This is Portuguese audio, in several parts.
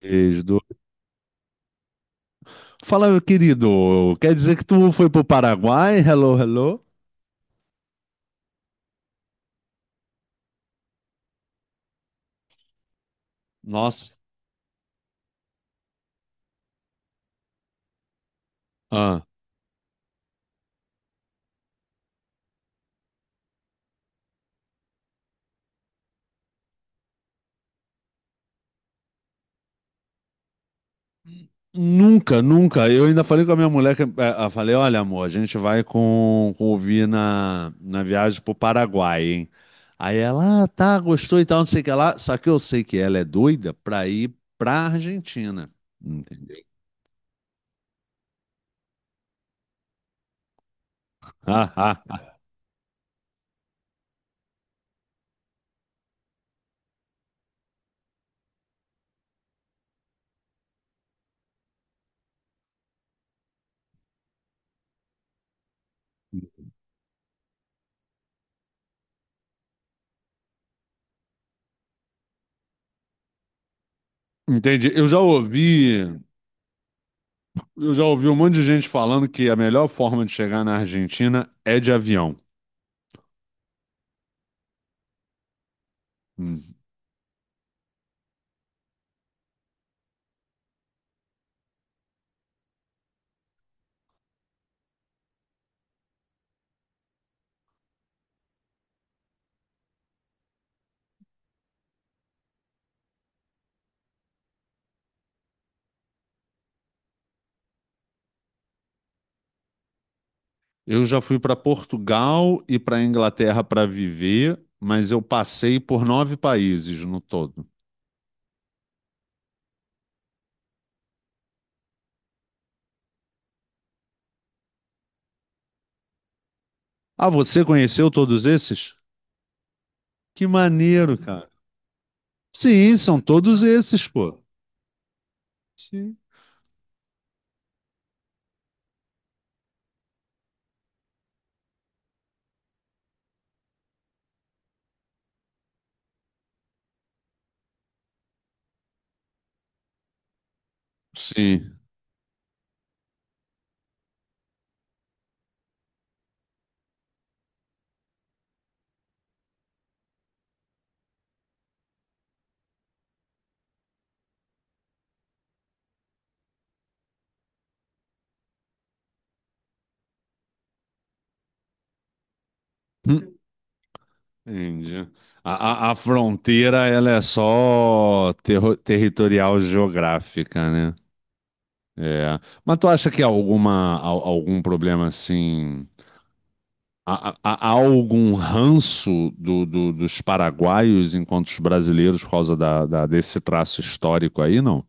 Beijo. Du. Fala, meu querido. Quer dizer que tu foi pro Paraguai? Hello, hello. Nossa. Ah. Nunca, nunca. Eu ainda falei com a minha mulher, eu falei, olha, amor, a gente vai com o Vi na viagem pro Paraguai, hein? Aí ela, ah, tá, gostou e tal, não sei o que lá. Só que eu sei que ela é doida pra ir pra Argentina. Entendeu? Ah, ah, ah. Entendi. Eu já ouvi um monte de gente falando que a melhor forma de chegar na Argentina é de avião. Hum. Eu já fui para Portugal e para Inglaterra para viver, mas eu passei por nove países no todo. Ah, você conheceu todos esses? Que maneiro, cara. Sim, são todos esses, pô. Sim. Sim. Hum. Entendi. A fronteira, ela é só territorial geográfica, né? É. Mas tu acha que há algum problema assim? Há algum ranço dos paraguaios enquanto os brasileiros por causa desse traço histórico aí, não?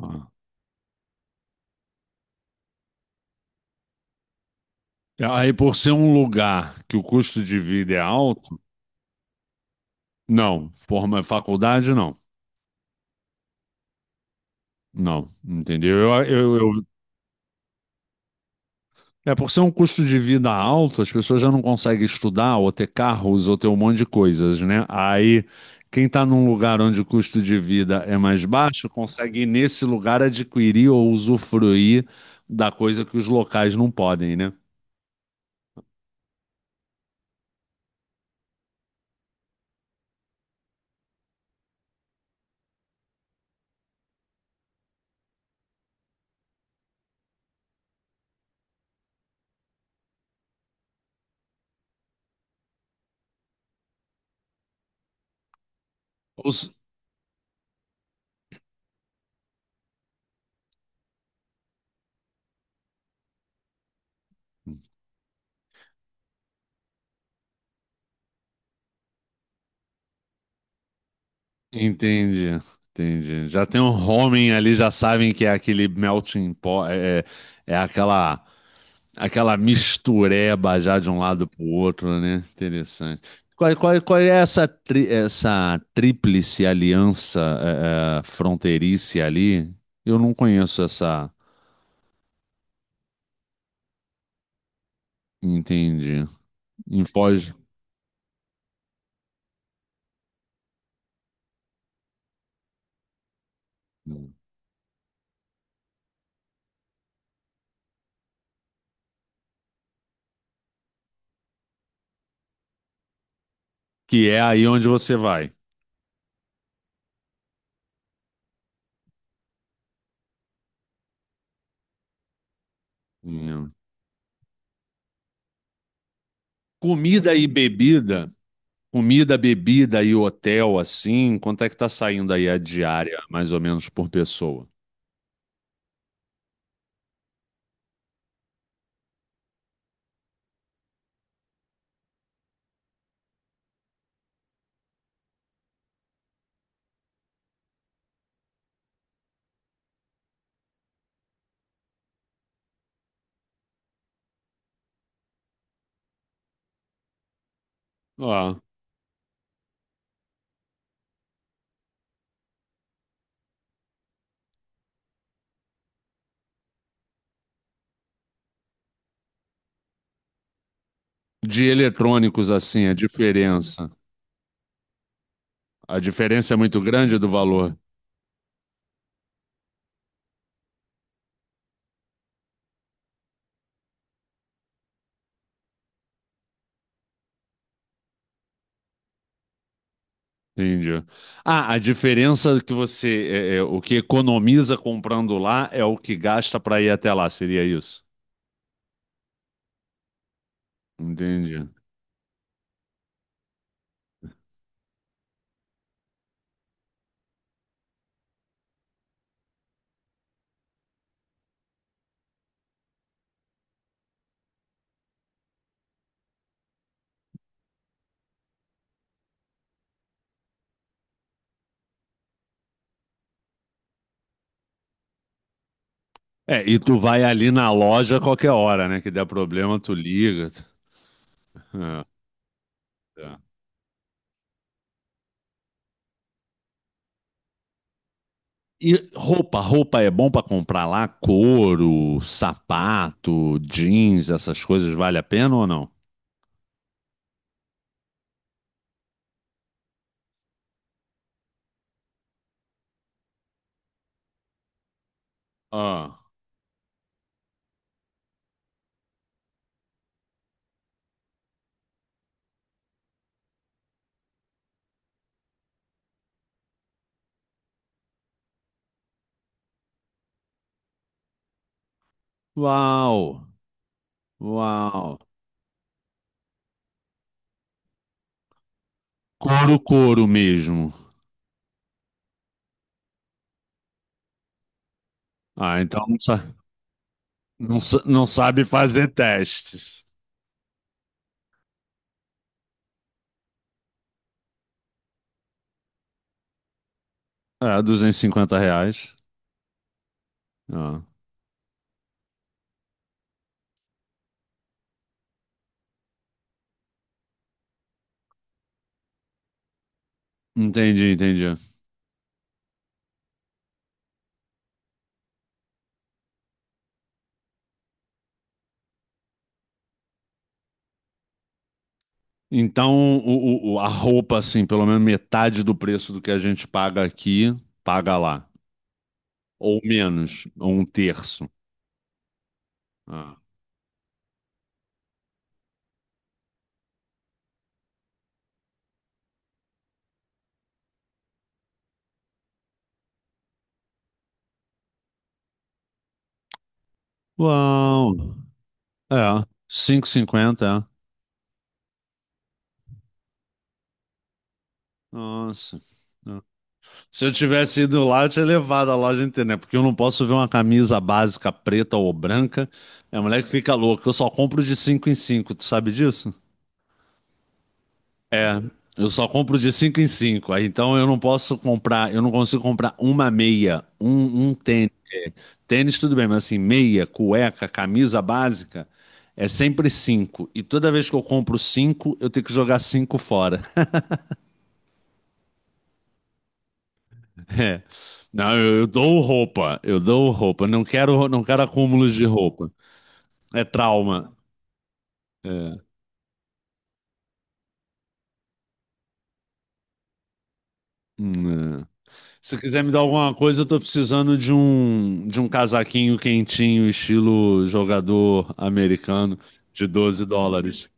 Ah. Aí, por ser um lugar que o custo de vida é alto, não. Forma faculdade, não. Não, entendeu? É, por ser um custo de vida alto, as pessoas já não conseguem estudar ou ter carros ou ter um monte de coisas, né? Aí, quem está num lugar onde o custo de vida é mais baixo, consegue nesse lugar adquirir ou usufruir da coisa que os locais não podem, né? Ou se- Entendi, entendi. Já tem um homem ali, já sabem que é aquele melting pot, é aquela Aquela mistureba já de um lado pro outro, né? Interessante. Qual é essa tríplice aliança fronteiriça ali? Eu não conheço essa. Entendi. Em Foz, que é aí onde você vai. Hum. Comida e bebida. Comida, bebida e hotel, assim. Quanto é que tá saindo aí a diária, mais ou menos, por pessoa? Ó, de eletrônicos, assim, a diferença. A diferença é muito grande do valor. Entendi. Ah, a diferença que você, o que economiza comprando lá é o que gasta para ir até lá, seria isso? Entendi. É, e tu vai ali na loja a qualquer hora, né? Que der problema, tu liga. Tá. E roupa é bom para comprar lá? Couro, sapato, jeans, essas coisas, vale a pena ou não? Ah. Uau, uau. Couro, couro mesmo. Ah, então não. Não, não sabe fazer testes. É, R$ 250. Ah, entendi, entendi. Então, a roupa, assim, pelo menos metade do preço do que a gente paga aqui, paga lá. Ou menos, ou um terço. Ah. Uau! É, 5,50, é. Nossa. Ah. Se eu tivesse ido lá, eu tinha levado a loja inteira, né? Porque eu não posso ver uma camisa básica preta ou branca. É, moleque fica louca. Eu só compro de 5 em cinco, tu sabe disso? É, eu só compro de 5 em 5. Aí então eu não posso comprar, eu não consigo comprar uma meia, um tênis. Tênis tudo bem, mas assim, meia, cueca, camisa básica, é sempre 5. E toda vez que eu compro cinco, eu tenho que jogar 5 fora. É. Não, eu dou roupa, eu dou roupa. Não quero, não quero acúmulos de roupa. É trauma. É. Se quiser me dar alguma coisa, eu tô precisando de um casaquinho quentinho, estilo jogador americano, de US$ 12.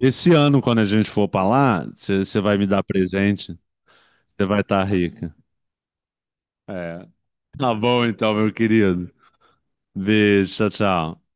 Esse ano, quando a gente for pra lá, você vai me dar presente, você vai estar rica. É. Tá bom então, meu querido. Beijo, tchau, tchau.